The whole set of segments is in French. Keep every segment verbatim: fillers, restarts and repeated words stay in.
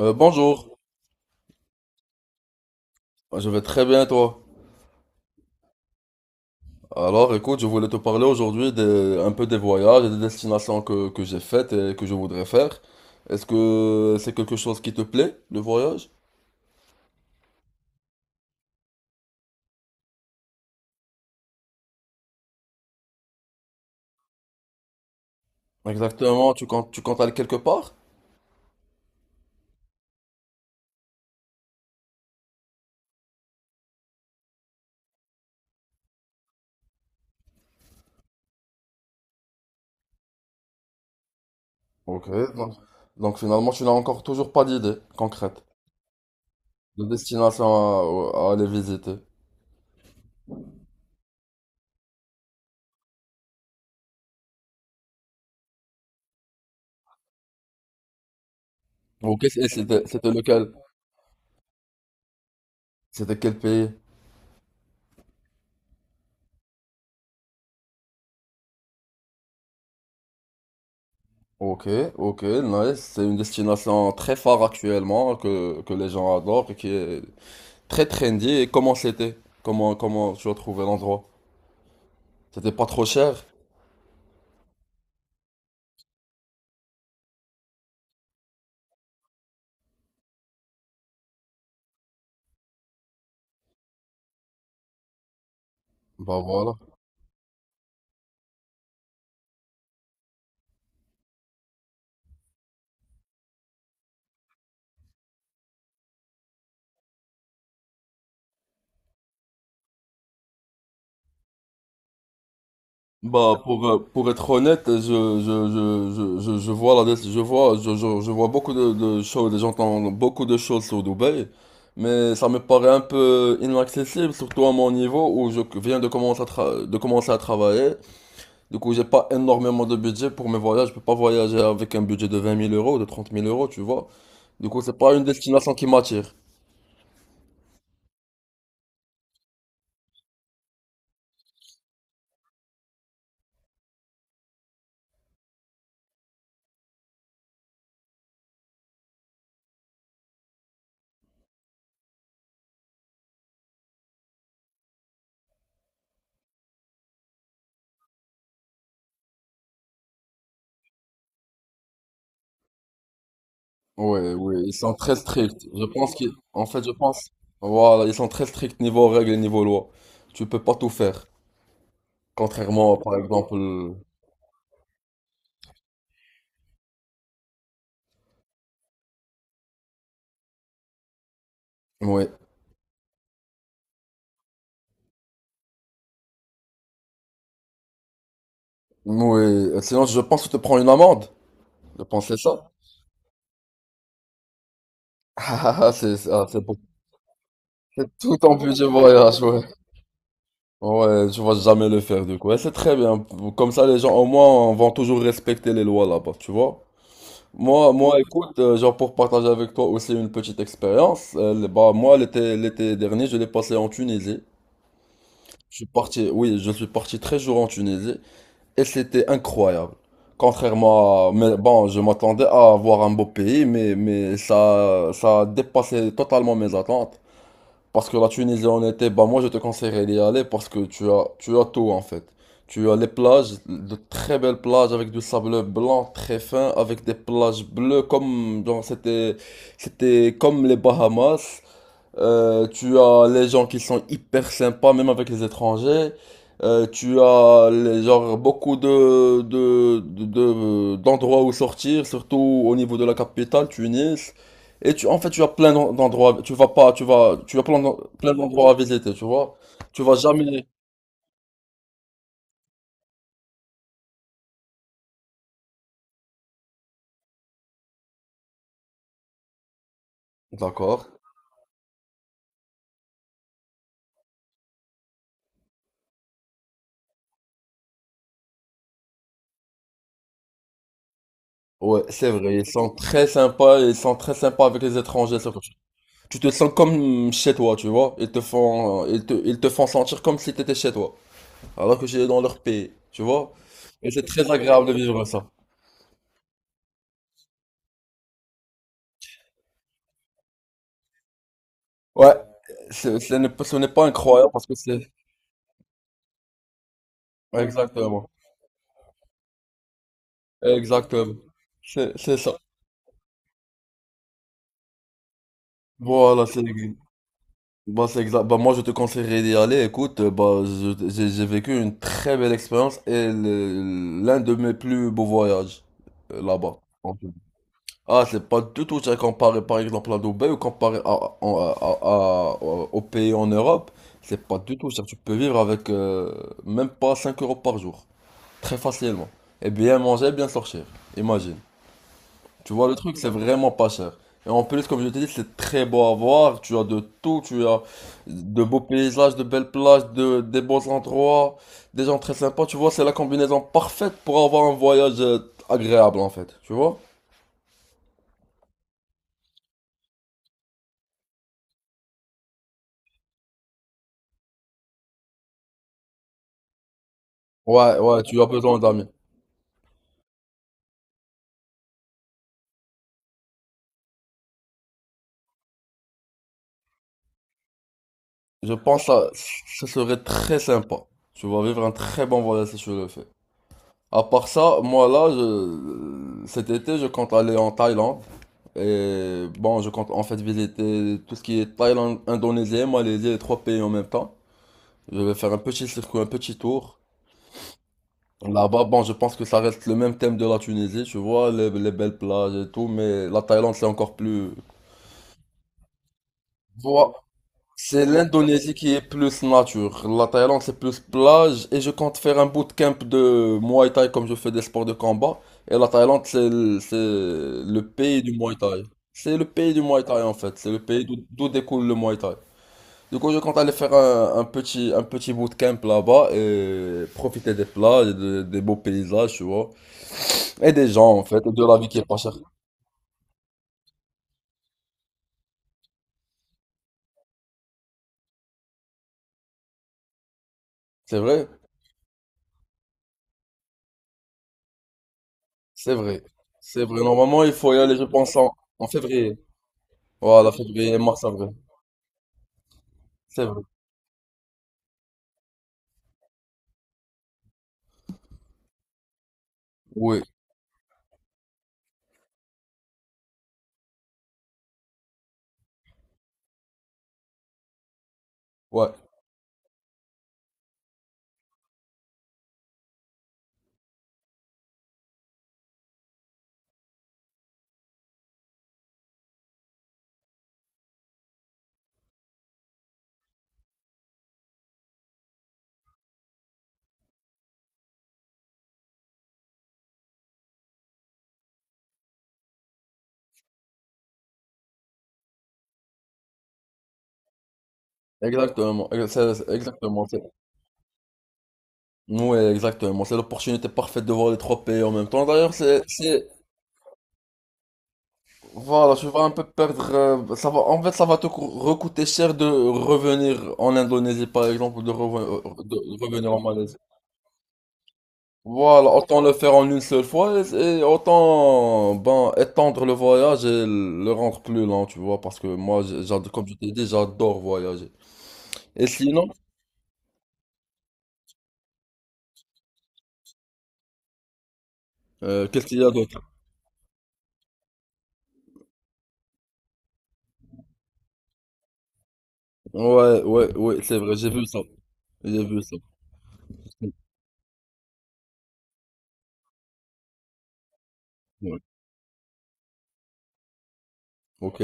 Euh, bonjour, je vais très bien et toi. Alors écoute, je voulais te parler aujourd'hui des, un peu des voyages et des destinations que, que j'ai faites et que je voudrais faire. Est-ce que c'est quelque chose qui te plaît, le voyage? Exactement, tu comptes, tu comptes aller quelque part? Ok, donc, donc finalement tu n'as encore toujours pas d'idée concrète de destination à, à aller visiter. Ok, et c'était c'était lequel? C'était quel pays? Ok, ok, nice. C'est une destination très phare actuellement que, que les gens adorent et qui est très trendy. Et comment c'était? Comment, comment tu as trouvé l'endroit? C'était pas trop cher? Bah voilà. Bah pour, euh, pour être honnête, je, je, je, je, je, je vois la, je vois, je, je, je vois beaucoup de, de choses, j'entends beaucoup de choses sur Dubaï, mais ça me paraît un peu inaccessible, surtout à mon niveau où je viens de commencer à, tra- de commencer à travailler. Du coup, j'ai pas énormément de budget pour mes voyages, je peux pas voyager avec un budget de vingt mille euros, de trente mille euros, tu vois. Du coup, c'est pas une destination qui m'attire. Ouais, ouais, ils sont très stricts. Je pense qu'ils, en fait, je pense, voilà, ils sont très stricts niveau règles et niveau loi. Tu peux pas tout faire. Contrairement, par exemple, ouais, ouais. Sinon, je pense que tu te prends une amende. Je pense que c'est ça. Ah, ah, c'est, ah, c'est pour, c'est tout ton budget voyage, ouais. Ouais, tu vas jamais le faire, du coup. Ouais, c'est très bien. Comme ça, les gens, au moins, vont toujours respecter les lois là-bas, tu vois. Moi, moi, écoute, euh, genre pour partager avec toi aussi une petite expérience, euh, le- bah moi l'été l'été dernier, je l'ai passé en Tunisie. Je suis parti, oui, je suis parti treize jours en Tunisie et c'était incroyable. Contrairement à, mais bon, je m'attendais à voir un beau pays, mais mais ça ça a dépassé totalement mes attentes. Parce que la Tunisie en été, bah moi je te conseillerais d'y aller parce que tu as, tu as tout en fait. Tu as les plages, de très belles plages avec du sable blanc très fin, avec des plages bleues comme genre c'était c'était comme les Bahamas. Euh, tu as les gens qui sont hyper sympas, même avec les étrangers. Euh, tu as les, genre beaucoup de, de, de- de- d'endroits où sortir, surtout au niveau de la capitale, Tunis. Et tu, en fait, tu as plein d'en- d'endroits. Tu vas pas, tu vas, tu as plein d'en- plein d'endroits à visiter, tu vois. Tu vas jamais. D'accord. Ouais, c'est vrai. Ils sont très sympas. Ils sont très sympas avec les étrangers, surtout. Tu te sens comme chez toi, tu vois. Ils te font, ils te, ils te font sentir comme si tu étais chez toi, alors que j'étais dans leur pays, tu vois. Et c'est très agréable de vivre ça. Ouais, c'est- ce n'est pas ce n'est pas incroyable parce que c'est. Ouais, exactement, exactement. C'est c'est ça. Voilà, c'est bah, c'est exact. Bah, moi, je te conseillerais d'y aller. Écoute, euh, bah, je- j'ai j'ai vécu une très belle expérience et le- l'un de mes plus beaux voyages euh, là-bas. Ah, c'est pas du tout ça comparé par exemple à Dubaï ou comparé à, à- à- à- aux pays en Europe. C'est pas du tout ça. Tu peux vivre avec euh, même pas cinq euros par jour. Très facilement. Et bien manger, bien sortir. Imagine. Tu vois, le truc, c'est vraiment pas cher. Et en plus, comme je t'ai dit, c'est très beau à voir. Tu as de tout. Tu as de beaux paysages, de belles plages, de, des beaux endroits, des gens très sympas. Tu vois, c'est la combinaison parfaite pour avoir un voyage euh, agréable en fait. Tu vois? Ouais, ouais, tu as besoin d'amis. Je pense que ça serait très sympa. Tu vas vivre un très bon voyage si tu le fais. À part ça, moi là, je... cet été, je compte aller en Thaïlande. Et bon, je compte en fait visiter tout ce qui est Thaïlande, Indonésie, Malaisie, les trois pays en même temps. Je vais faire un petit circuit, un petit tour. Là-bas, bon, je pense que ça reste le même thème de la Tunisie, tu vois, les, les belles plages et tout, mais la Thaïlande, c'est encore plus. C'est l'Indonésie qui est plus nature. La Thaïlande, c'est plus plage. Et je compte faire un bootcamp de Muay Thai comme je fais des sports de combat. Et la Thaïlande, c'est le, c'est le pays du Muay Thai. C'est le pays du Muay Thai en fait. C'est le pays d'où d'où découle le Muay Thai. Du coup, je compte aller faire un, un petit, un petit bootcamp là-bas et profiter des plages, et de- des beaux paysages, tu vois. Et des gens en fait, et de la vie qui est pas chère. C'est vrai? C'est vrai. C'est vrai. Normalement, il faut y aller, je pense, en, en février. Voilà, février, mars, avril. C'est vrai. Oui, ouais, exactement. exa- c'est- Exactement. c'est- Ouais, exactement. C'est l'opportunité parfaite de voir les trois pays en même temps. D'ailleurs, c'est, c'est, voilà, tu vas un peu perdre. Euh, ça va, en fait, ça va te co- recoûter cher de revenir en Indonésie, par exemple, ou de, reven- euh, de revenir en Malaisie. Voilà, autant le faire en une seule fois et, et autant ben, étendre le voyage et le rendre plus lent, tu vois, parce que moi, j'ai- j'ad- comme je t'ai dit, j'adore voyager. Et sinon, euh, qu'est-ce qu'il y a d'autre? Ouais, ouais, ouais, c'est vrai, j'ai vu ça. J'ai vu ça. Ouais. Ok,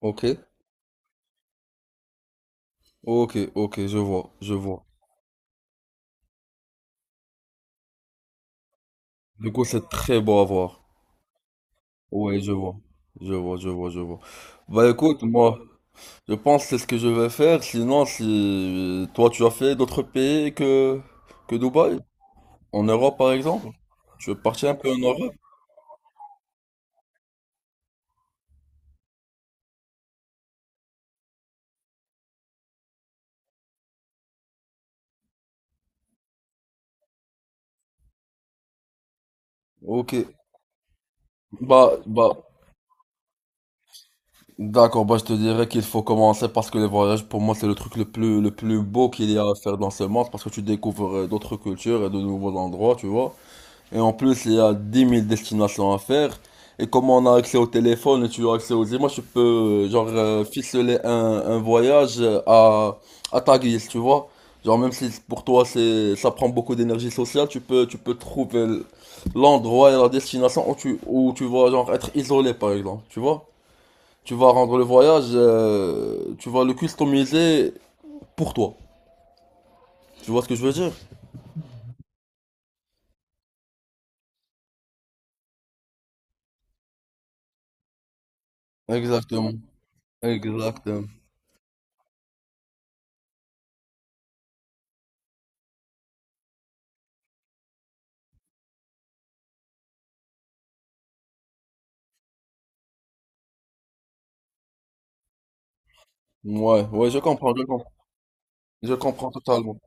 ok, ok, ok, je vois, je vois. Du coup, c'est très beau à voir. Ouais, je vois, je vois, je vois, je vois. Bah écoute, moi, je pense que c'est ce que je vais faire. Sinon, si toi, tu as fait d'autres pays que, que Dubaï, en Europe par exemple, tu es parti un peu en Europe. Ok, bah, bah, d'accord, bah je te dirais qu'il faut commencer parce que les voyages, pour moi, c'est le truc le plus, le plus beau qu'il y a à faire dans ce monde parce que tu découvres euh, d'autres cultures et de nouveaux endroits, tu vois. Et en plus, il y a dix mille destinations à faire. Et comme on a accès au téléphone et tu as accès aux images, tu peux, euh, genre, euh, ficeler un, un voyage euh, à, à ta guise, tu vois. Genre, même si pour toi, c'est, ça prend beaucoup d'énergie sociale, tu peux, tu peux trouver l'endroit et la destination où tu, où tu vas, genre, être isolé, par exemple, tu vois. Tu vas rendre le voyage, euh, tu vas le customiser pour toi. Tu vois ce que je veux dire? Exactement. Exactement. Ouais, ouais, je comprends, je comprends. Je comprends totalement.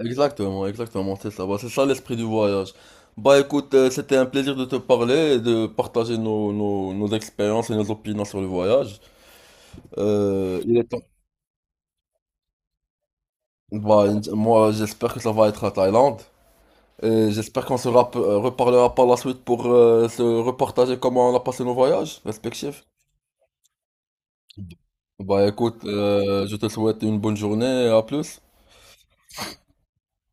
Exactement, exactement, c'est ça. Bah, c'est ça l'esprit du voyage. Bah écoute, euh, c'était un plaisir de te parler et de partager nos, nos, nos expériences et nos opinions sur le voyage. Euh, il est temps. Bah, j- moi, j'espère que ça va être à Thaïlande. Et j'espère qu'on se rap- euh, reparlera par la suite pour euh, se repartager comment on a passé nos voyages respectifs. Bah écoute, euh, je te souhaite une bonne journée et à plus.